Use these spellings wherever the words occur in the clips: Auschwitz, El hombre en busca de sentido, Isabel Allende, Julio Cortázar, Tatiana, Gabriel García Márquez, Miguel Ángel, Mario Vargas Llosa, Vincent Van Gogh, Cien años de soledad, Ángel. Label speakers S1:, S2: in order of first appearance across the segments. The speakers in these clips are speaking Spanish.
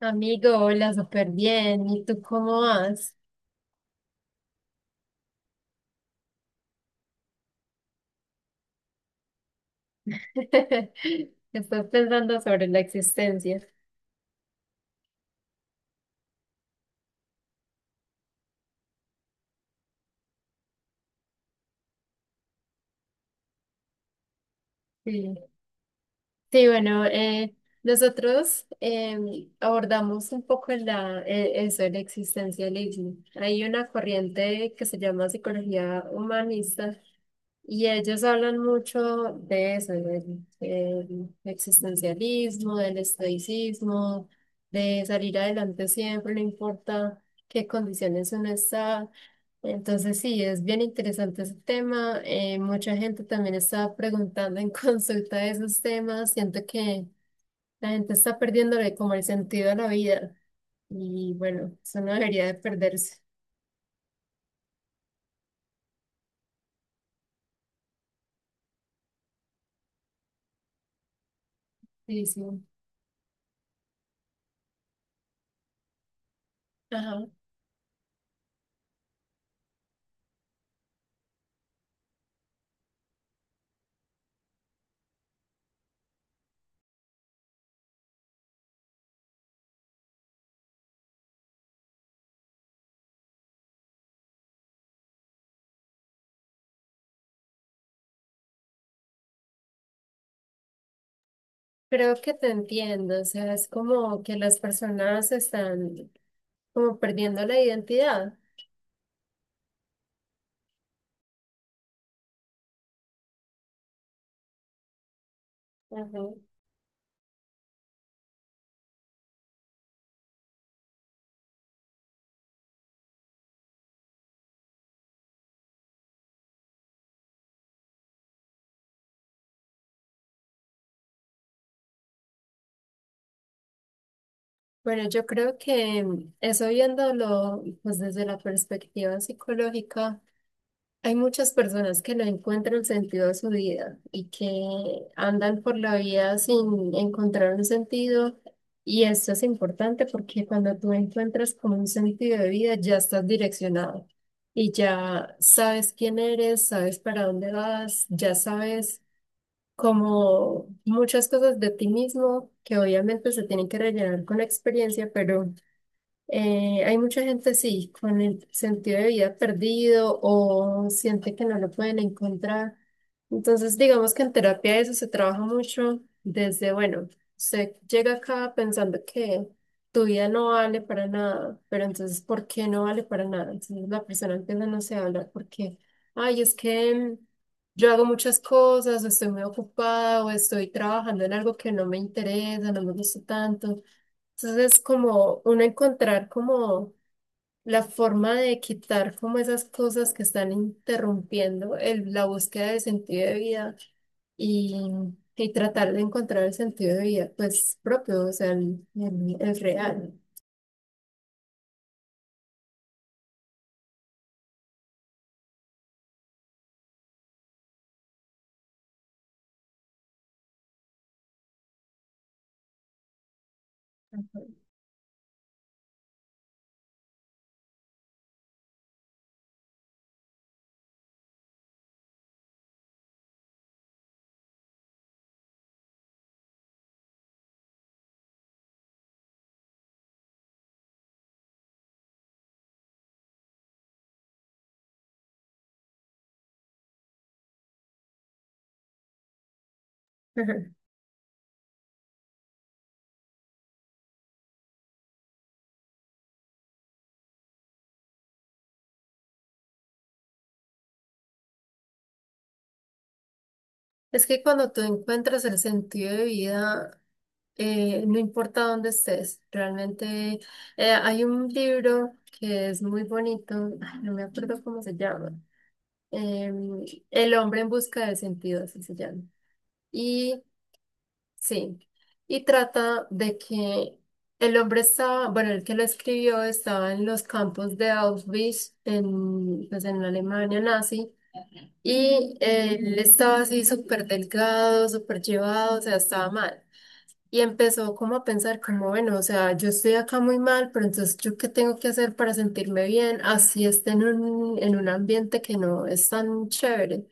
S1: Amigo, hola, súper bien. ¿Y tú cómo vas? Estás pensando sobre la existencia. Sí, sí, bueno, nosotros abordamos un poco la, eso, el existencialismo. Hay una corriente que se llama psicología humanista. Y ellos hablan mucho de eso, del existencialismo, del estoicismo, de salir adelante siempre, no importa qué condiciones uno está. Entonces sí, es bien interesante ese tema. Mucha gente también está preguntando en consulta de esos temas. Siento que la gente está perdiéndole como el sentido a la vida. Y bueno, eso no debería de perderse. Sí, sí. Ajá. Creo que te entiendo, o sea, es como que las personas están como perdiendo la identidad. Ujú. Bueno, yo creo que eso viéndolo pues desde la perspectiva psicológica. Hay muchas personas que no encuentran sentido a su vida y que andan por la vida sin encontrar un sentido. Y esto es importante porque cuando tú encuentras como un sentido de vida, ya estás direccionado y ya sabes quién eres, sabes para dónde vas, ya sabes como muchas cosas de ti mismo que obviamente se tienen que rellenar con la experiencia, pero... Hay mucha gente, sí, con el sentido de vida perdido o siente que no lo pueden encontrar. Entonces, digamos que en terapia eso se trabaja mucho desde, bueno, usted llega acá pensando que tu vida no vale para nada, pero entonces, ¿por qué no vale para nada? Entonces la persona empieza, no sé, a hablar porque, ay, es que yo hago muchas cosas, o estoy muy ocupada, o estoy trabajando en algo que no me interesa, no me gusta tanto. Entonces es como uno encontrar como la forma de quitar como esas cosas que están interrumpiendo la búsqueda de sentido de vida y, y tratar de encontrar el sentido de vida pues propio, o sea, el, el real. Ujú. Es que cuando tú encuentras el sentido de vida, no importa dónde estés, realmente hay un libro que es muy bonito, ay, no me acuerdo cómo se llama. Em, El hombre en busca de sentido, así se llama. Y sí, y trata de que el hombre estaba, bueno, el que lo escribió estaba en los campos de Auschwitz, en, pues en la Alemania nazi, y él estaba así súper delgado, súper llevado, o sea, estaba mal. Y empezó como a pensar como, bueno, o sea, yo estoy acá muy mal, pero entonces ¿yo qué tengo que hacer para sentirme bien? Así esté en un ambiente que no es tan chévere.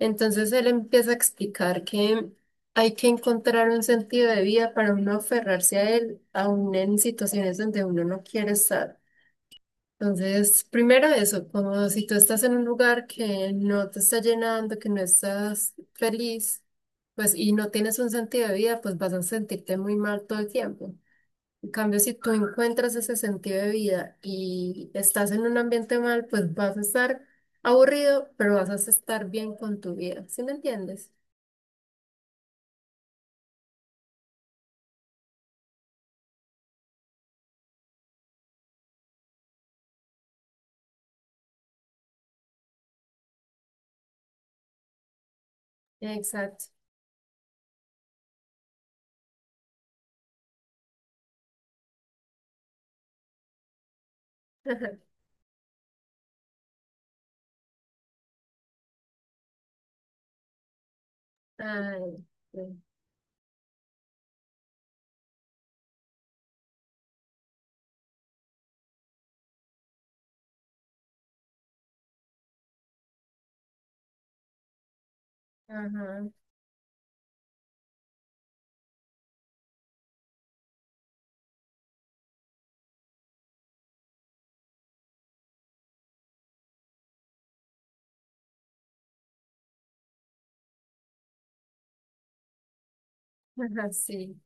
S1: Entonces él empieza a explicar que hay que encontrar un sentido de vida para uno aferrarse a él, aún en situaciones donde uno no quiere estar. Entonces, primero eso, como si tú estás en un lugar que no te está llenando, que no estás feliz, pues y no tienes un sentido de vida, pues vas a sentirte muy mal todo el tiempo. En cambio, si tú encuentras ese sentido de vida y estás en un ambiente mal, pues vas a estar aburrido, pero vas a estar bien con tu vida. ¿Sí me entiendes? Exacto. Ay, sí. Ajá, ajá, ajá, sí.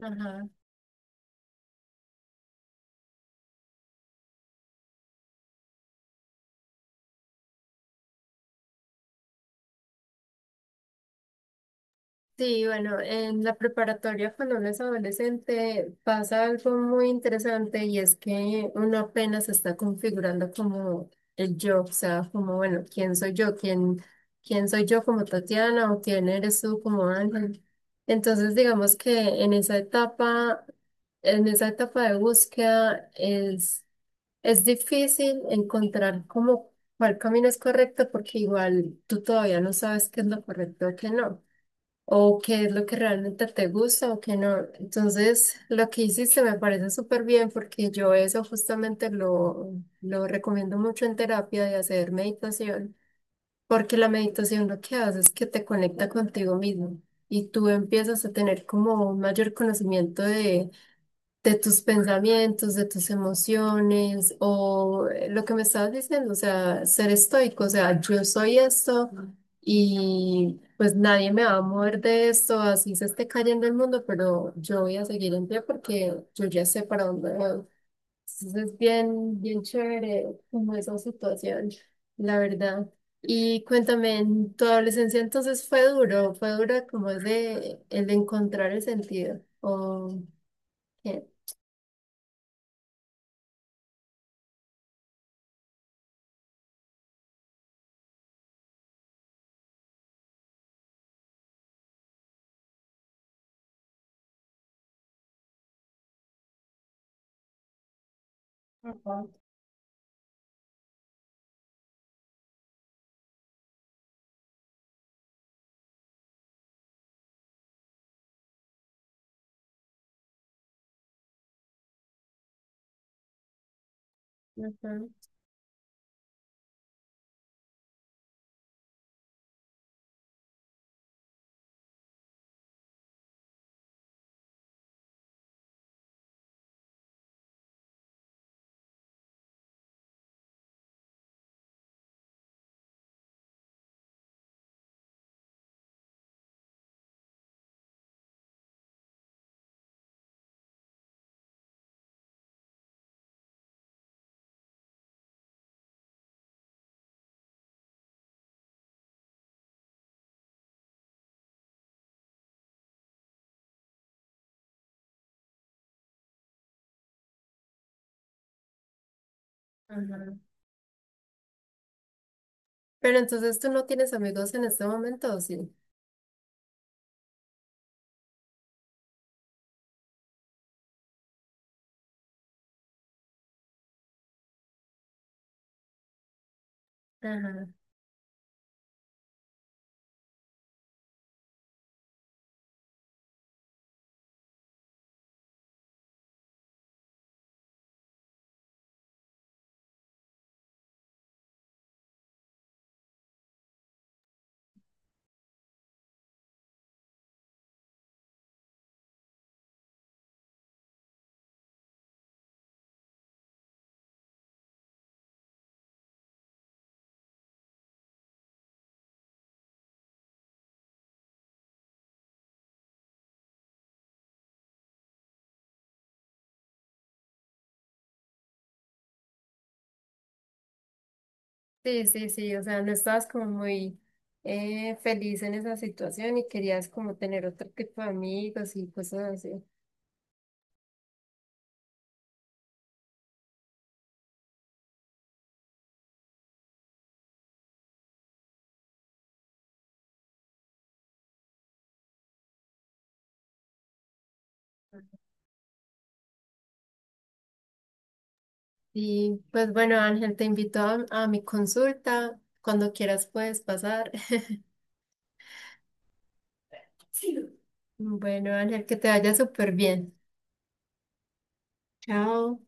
S1: Ajá. Sí, bueno, en la preparatoria cuando uno es adolescente pasa algo muy interesante y es que uno apenas está configurando como el yo, o sea, como, bueno, ¿quién soy yo? ¿Quién, quién soy yo como Tatiana o quién eres tú como Ángel? Entonces, digamos que en esa etapa de búsqueda es difícil encontrar como cuál camino es correcto porque igual tú todavía no sabes qué es lo correcto o qué no o qué es lo que realmente te gusta o qué no. Entonces, lo que hiciste me parece súper bien porque yo eso justamente lo recomiendo mucho en terapia de hacer meditación, porque la meditación lo que hace es que te conecta contigo mismo y tú empiezas a tener como un mayor conocimiento de tus pensamientos, de tus emociones, o lo que me estabas diciendo, o sea, ser estoico, o sea, yo soy esto y pues nadie me va a mover de esto, así se esté cayendo el mundo, pero yo voy a seguir en pie porque yo ya sé para dónde voy. Entonces es bien, bien chévere como esa situación, la verdad. Y cuéntame, en tu adolescencia entonces fue duro como es de el de encontrar el sentido, ¿o qué? Ujú, ajá. Pero entonces tú no tienes amigos en este momento, ¿o sí? Ajá. Sí, sí, sí, o sea, no estabas como muy feliz en esa situación y querías como tener otro tipo de amigos y cosas así. Y pues bueno, Ángel, te invito a mi consulta. Cuando quieras puedes pasar. Sí. Bueno, Ángel, que te vaya súper bien. Chao.